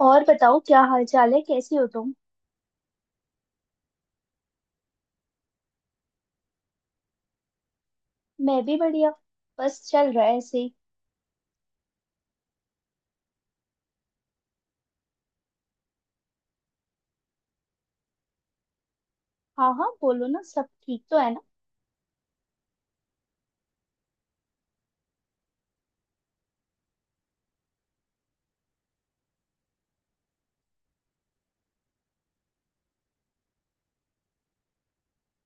और बताओ, क्या हाल चाल है? कैसी हो तुम? मैं भी बढ़िया। बस चल रहा है ऐसे ही। हाँ हाँ, बोलो ना। सब ठीक तो है ना?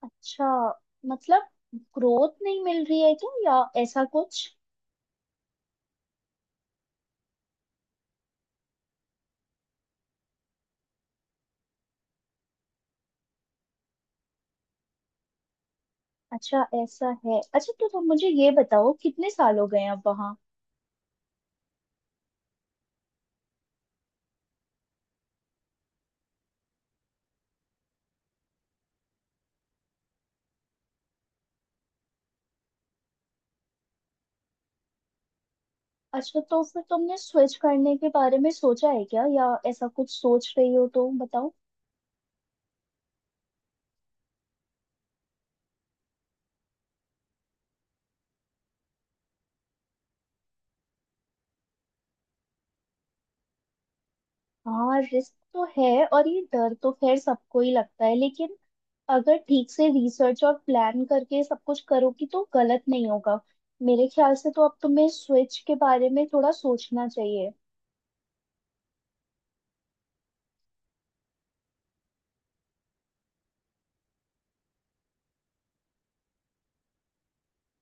अच्छा। मतलब ग्रोथ नहीं मिल रही है क्या, या ऐसा कुछ? अच्छा ऐसा है। अच्छा, तो तुम मुझे ये बताओ, कितने साल हो गए हैं अब वहाँ? अच्छा, तो फिर तुमने स्विच करने के बारे में सोचा है क्या, या ऐसा कुछ सोच रही हो तो बताओ। हाँ, रिस्क तो है, और ये डर तो खैर सबको ही लगता है। लेकिन अगर ठीक से रिसर्च और प्लान करके सब कुछ करोगी तो गलत नहीं होगा। मेरे ख्याल से तो अब तुम्हें स्विच के बारे में थोड़ा सोचना चाहिए।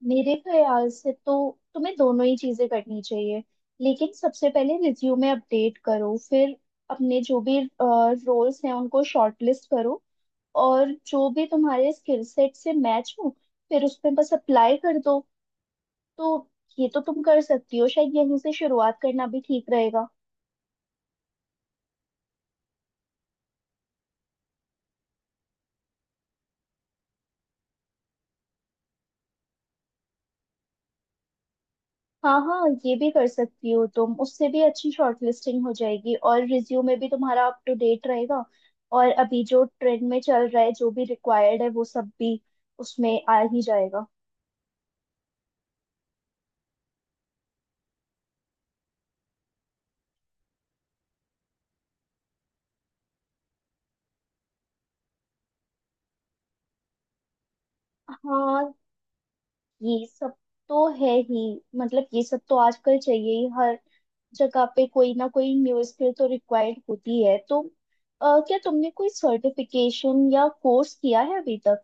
मेरे ख्याल से तो तुम्हें दोनों ही चीजें करनी चाहिए, लेकिन सबसे पहले रिज्यूमे अपडेट करो। फिर अपने जो भी रोल्स हैं उनको शॉर्टलिस्ट करो, और जो भी तुम्हारे स्किल सेट से मैच हो फिर उस पे बस अप्लाई कर दो। तो ये तो तुम कर सकती हो, शायद यहीं से शुरुआत करना भी ठीक रहेगा। हाँ हाँ, ये भी कर सकती हो तुम। उससे भी अच्छी शॉर्टलिस्टिंग हो जाएगी और रिज्यूमे भी तुम्हारा अप टू डेट रहेगा। और अभी जो ट्रेंड में चल रहा है, जो भी रिक्वायर्ड है वो सब भी उसमें आ ही जाएगा। हाँ, ये सब तो है ही। मतलब ये सब तो आजकल चाहिए ही। हर जगह पे कोई ना कोई न्यू स्किल तो रिक्वायर्ड होती है, तो क्या तुमने कोई सर्टिफिकेशन या कोर्स किया है अभी तक?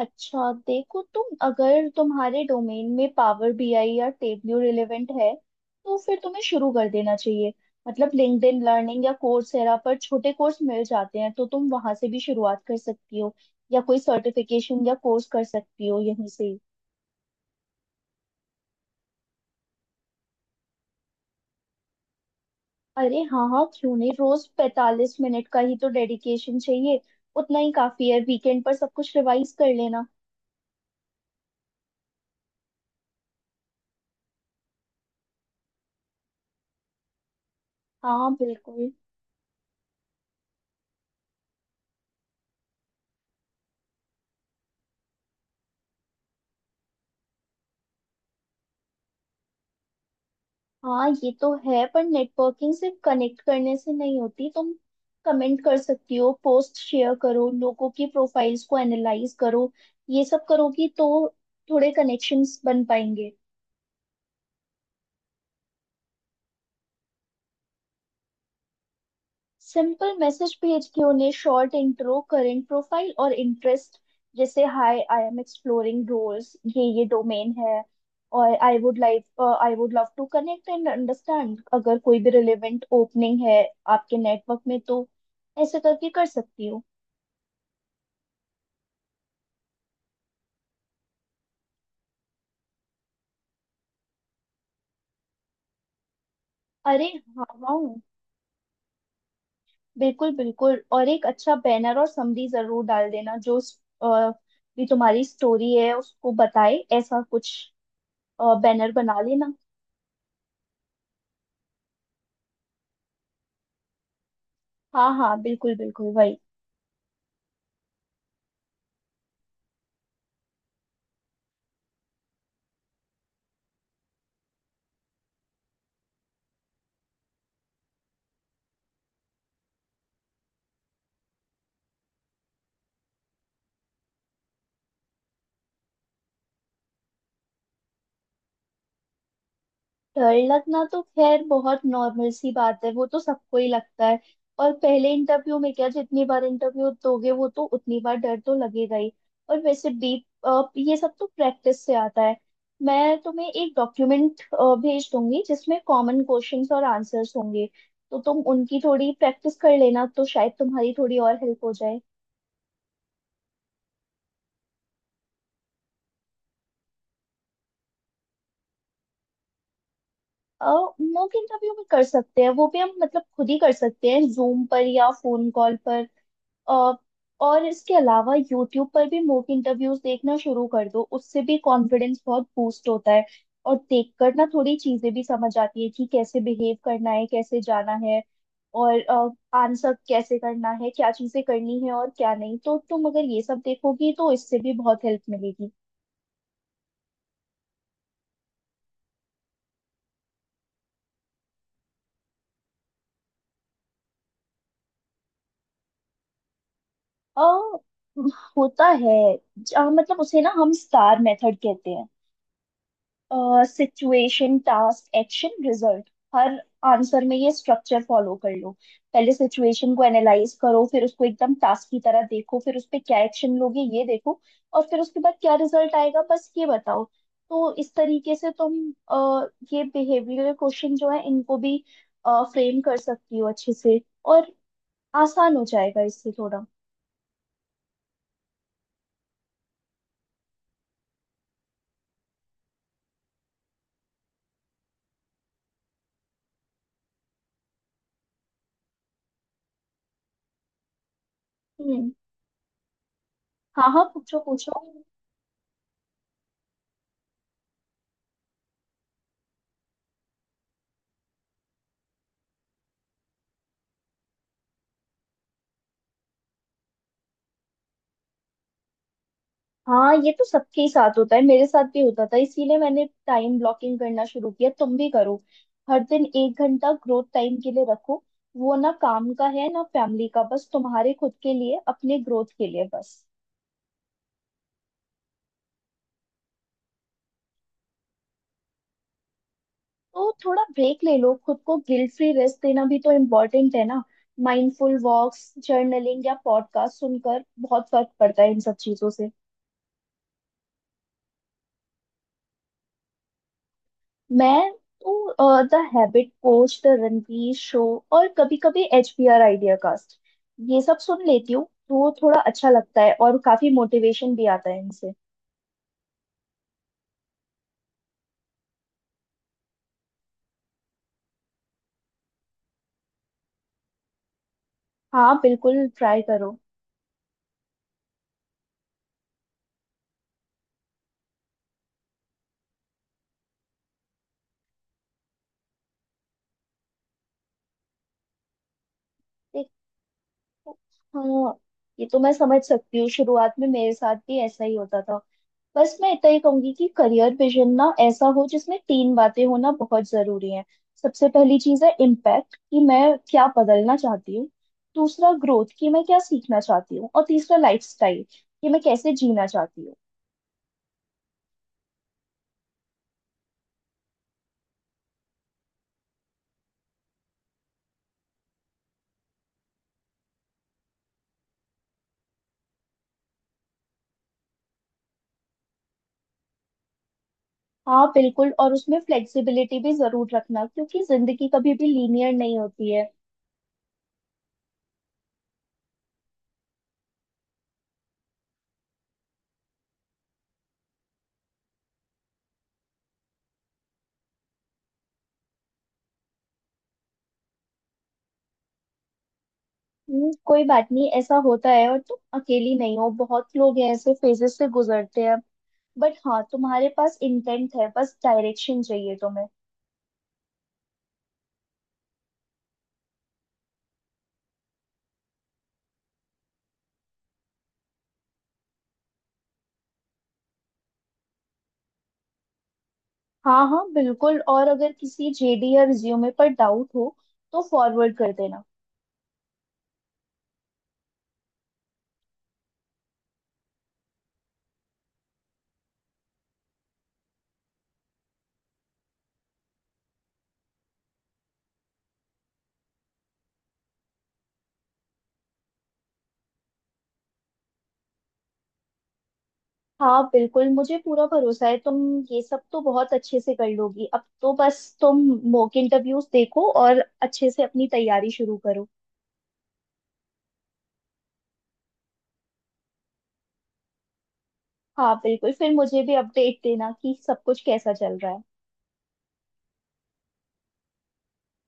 अच्छा देखो, तुम अगर तुम्हारे डोमेन में पावर बीआई या टेबल्यू रिलेवेंट है तो फिर तुम्हें शुरू कर देना चाहिए। मतलब लिंक्डइन लर्निंग या कोर्सेरा पर छोटे कोर्स मिल जाते हैं, तो तुम वहां से भी शुरुआत कर सकती हो, या कोई सर्टिफिकेशन या कोर्स कर सकती हो यहीं से ही। अरे हाँ हाँ, क्यों नहीं। रोज 45 मिनट का ही तो डेडिकेशन चाहिए। उतना ही काफी है, वीकेंड पर सब कुछ रिवाइज कर लेना। हाँ बिल्कुल। हाँ ये तो है, पर नेटवर्किंग सिर्फ कनेक्ट करने से नहीं होती। तुम कमेंट कर सकती हो, पोस्ट शेयर करो, लोगों की प्रोफाइल्स को एनालाइज करो। ये सब करोगी तो थोड़े कनेक्शंस बन पाएंगे। सिंपल मैसेज भेज के उन्हें शॉर्ट इंट्रो, करेंट प्रोफाइल और इंटरेस्ट। जैसे hi I am exploring roles, ये डोमेन है, और I would love to connect and understand, अगर कोई भी रिलेवेंट ओपनिंग है आपके नेटवर्क में तो। ऐसे करके कर सकती हूँ। अरे हाँ हाँ, बिल्कुल बिल्कुल। और एक अच्छा बैनर और समरी जरूर डाल देना, जो भी तुम्हारी स्टोरी है उसको बताए, ऐसा कुछ बैनर बना लेना। हाँ हाँ, बिल्कुल बिल्कुल, वही। डर लगना तो खैर बहुत नॉर्मल सी बात है, वो तो सबको ही लगता है। और पहले इंटरव्यू में क्या, जितनी बार इंटरव्यू दोगे वो तो उतनी बार डर तो लगेगा ही। और वैसे भी ये सब तो प्रैक्टिस से आता है। मैं तुम्हें एक डॉक्यूमेंट भेज दूंगी जिसमें कॉमन क्वेश्चंस और आंसर्स होंगे। तो तुम उनकी थोड़ी प्रैक्टिस कर लेना तो शायद तुम्हारी थोड़ी और हेल्प हो जाए। मॉक इंटरव्यू भी कर सकते हैं। वो भी हम मतलब खुद ही कर सकते हैं जूम पर या फोन कॉल पर। अ, और इसके अलावा यूट्यूब पर भी मॉक इंटरव्यूज देखना शुरू कर दो, उससे भी कॉन्फिडेंस बहुत बूस्ट होता है। और देखकर ना थोड़ी चीजें भी समझ आती है कि कैसे बिहेव करना है, कैसे जाना है और आंसर कैसे करना है, क्या चीजें करनी है और क्या नहीं। तो तुम अगर ये सब देखोगी तो इससे भी बहुत हेल्प मिलेगी। अ होता है। मतलब उसे ना हम स्टार मेथड कहते हैं। Situation, task, action, result. हर आंसर में ये स्ट्रक्चर फॉलो कर लो। पहले सिचुएशन को एनालाइज करो, फिर उसको एकदम टास्क की तरह देखो, फिर उस पे क्या एक्शन लोगे ये देखो, और फिर उसके बाद क्या रिजल्ट आएगा, बस ये बताओ। तो इस तरीके से तुम अ, ये बिहेवियरल क्वेश्चन जो है इनको भी फ्रेम कर सकती हो अच्छे से, और आसान हो जाएगा इससे थोड़ा। हम्म। हाँ हाँ, पूछो पूछो। हाँ, ये तो सबके ही साथ होता है। मेरे साथ भी होता था, इसीलिए मैंने टाइम ब्लॉकिंग करना शुरू किया। तुम भी करो, हर दिन 1 घंटा ग्रोथ टाइम के लिए रखो। वो ना काम का है ना फैमिली का, बस तुम्हारे खुद के लिए, अपने ग्रोथ के लिए बस। तो थोड़ा ब्रेक ले लो, खुद को गिल्ट फ्री रेस्ट देना भी तो इम्पोर्टेंट है ना। माइंडफुल वॉक्स, जर्नलिंग या पॉडकास्ट सुनकर बहुत फर्क पड़ता है इन सब चीजों से। मैं तो the Habit Coach, the Ranveer Show, और कभी कभी H B R idea cast, ये सब सुन लेती हूँ। तो थोड़ा अच्छा लगता है और काफी मोटिवेशन भी आता है इनसे। हाँ बिल्कुल, ट्राई करो। देखो। हाँ, ये तो मैं समझ सकती हूँ। शुरुआत में मेरे साथ भी ऐसा ही होता था। बस मैं इतना ही कहूंगी कि करियर विजन ना ऐसा हो जिसमें तीन बातें होना बहुत जरूरी है। सबसे पहली चीज है इम्पैक्ट, कि मैं क्या बदलना चाहती हूँ। दूसरा ग्रोथ, कि मैं क्या सीखना चाहती हूँ, और तीसरा लाइफस्टाइल, कि मैं कैसे जीना चाहती हूँ। हाँ बिल्कुल, और उसमें फ्लेक्सिबिलिटी भी जरूर रखना, क्योंकि जिंदगी कभी भी लीनियर नहीं होती है। कोई बात नहीं, ऐसा होता है। और तुम अकेली नहीं हो, बहुत लोग हैं ऐसे फेजेस से गुजरते हैं। बट हाँ, तुम्हारे पास इंटेंट है, बस डायरेक्शन चाहिए तुम्हें। हाँ हाँ बिल्कुल, और अगर किसी जेडी या रिज्यूमे पर डाउट हो तो फॉरवर्ड कर देना। हाँ बिल्कुल, मुझे पूरा भरोसा है तुम ये सब तो बहुत अच्छे से कर लोगी। अब तो बस तुम मॉक इंटरव्यूज देखो और अच्छे से अपनी तैयारी शुरू करो। हाँ बिल्कुल, फिर मुझे भी अपडेट देना कि सब कुछ कैसा चल रहा है।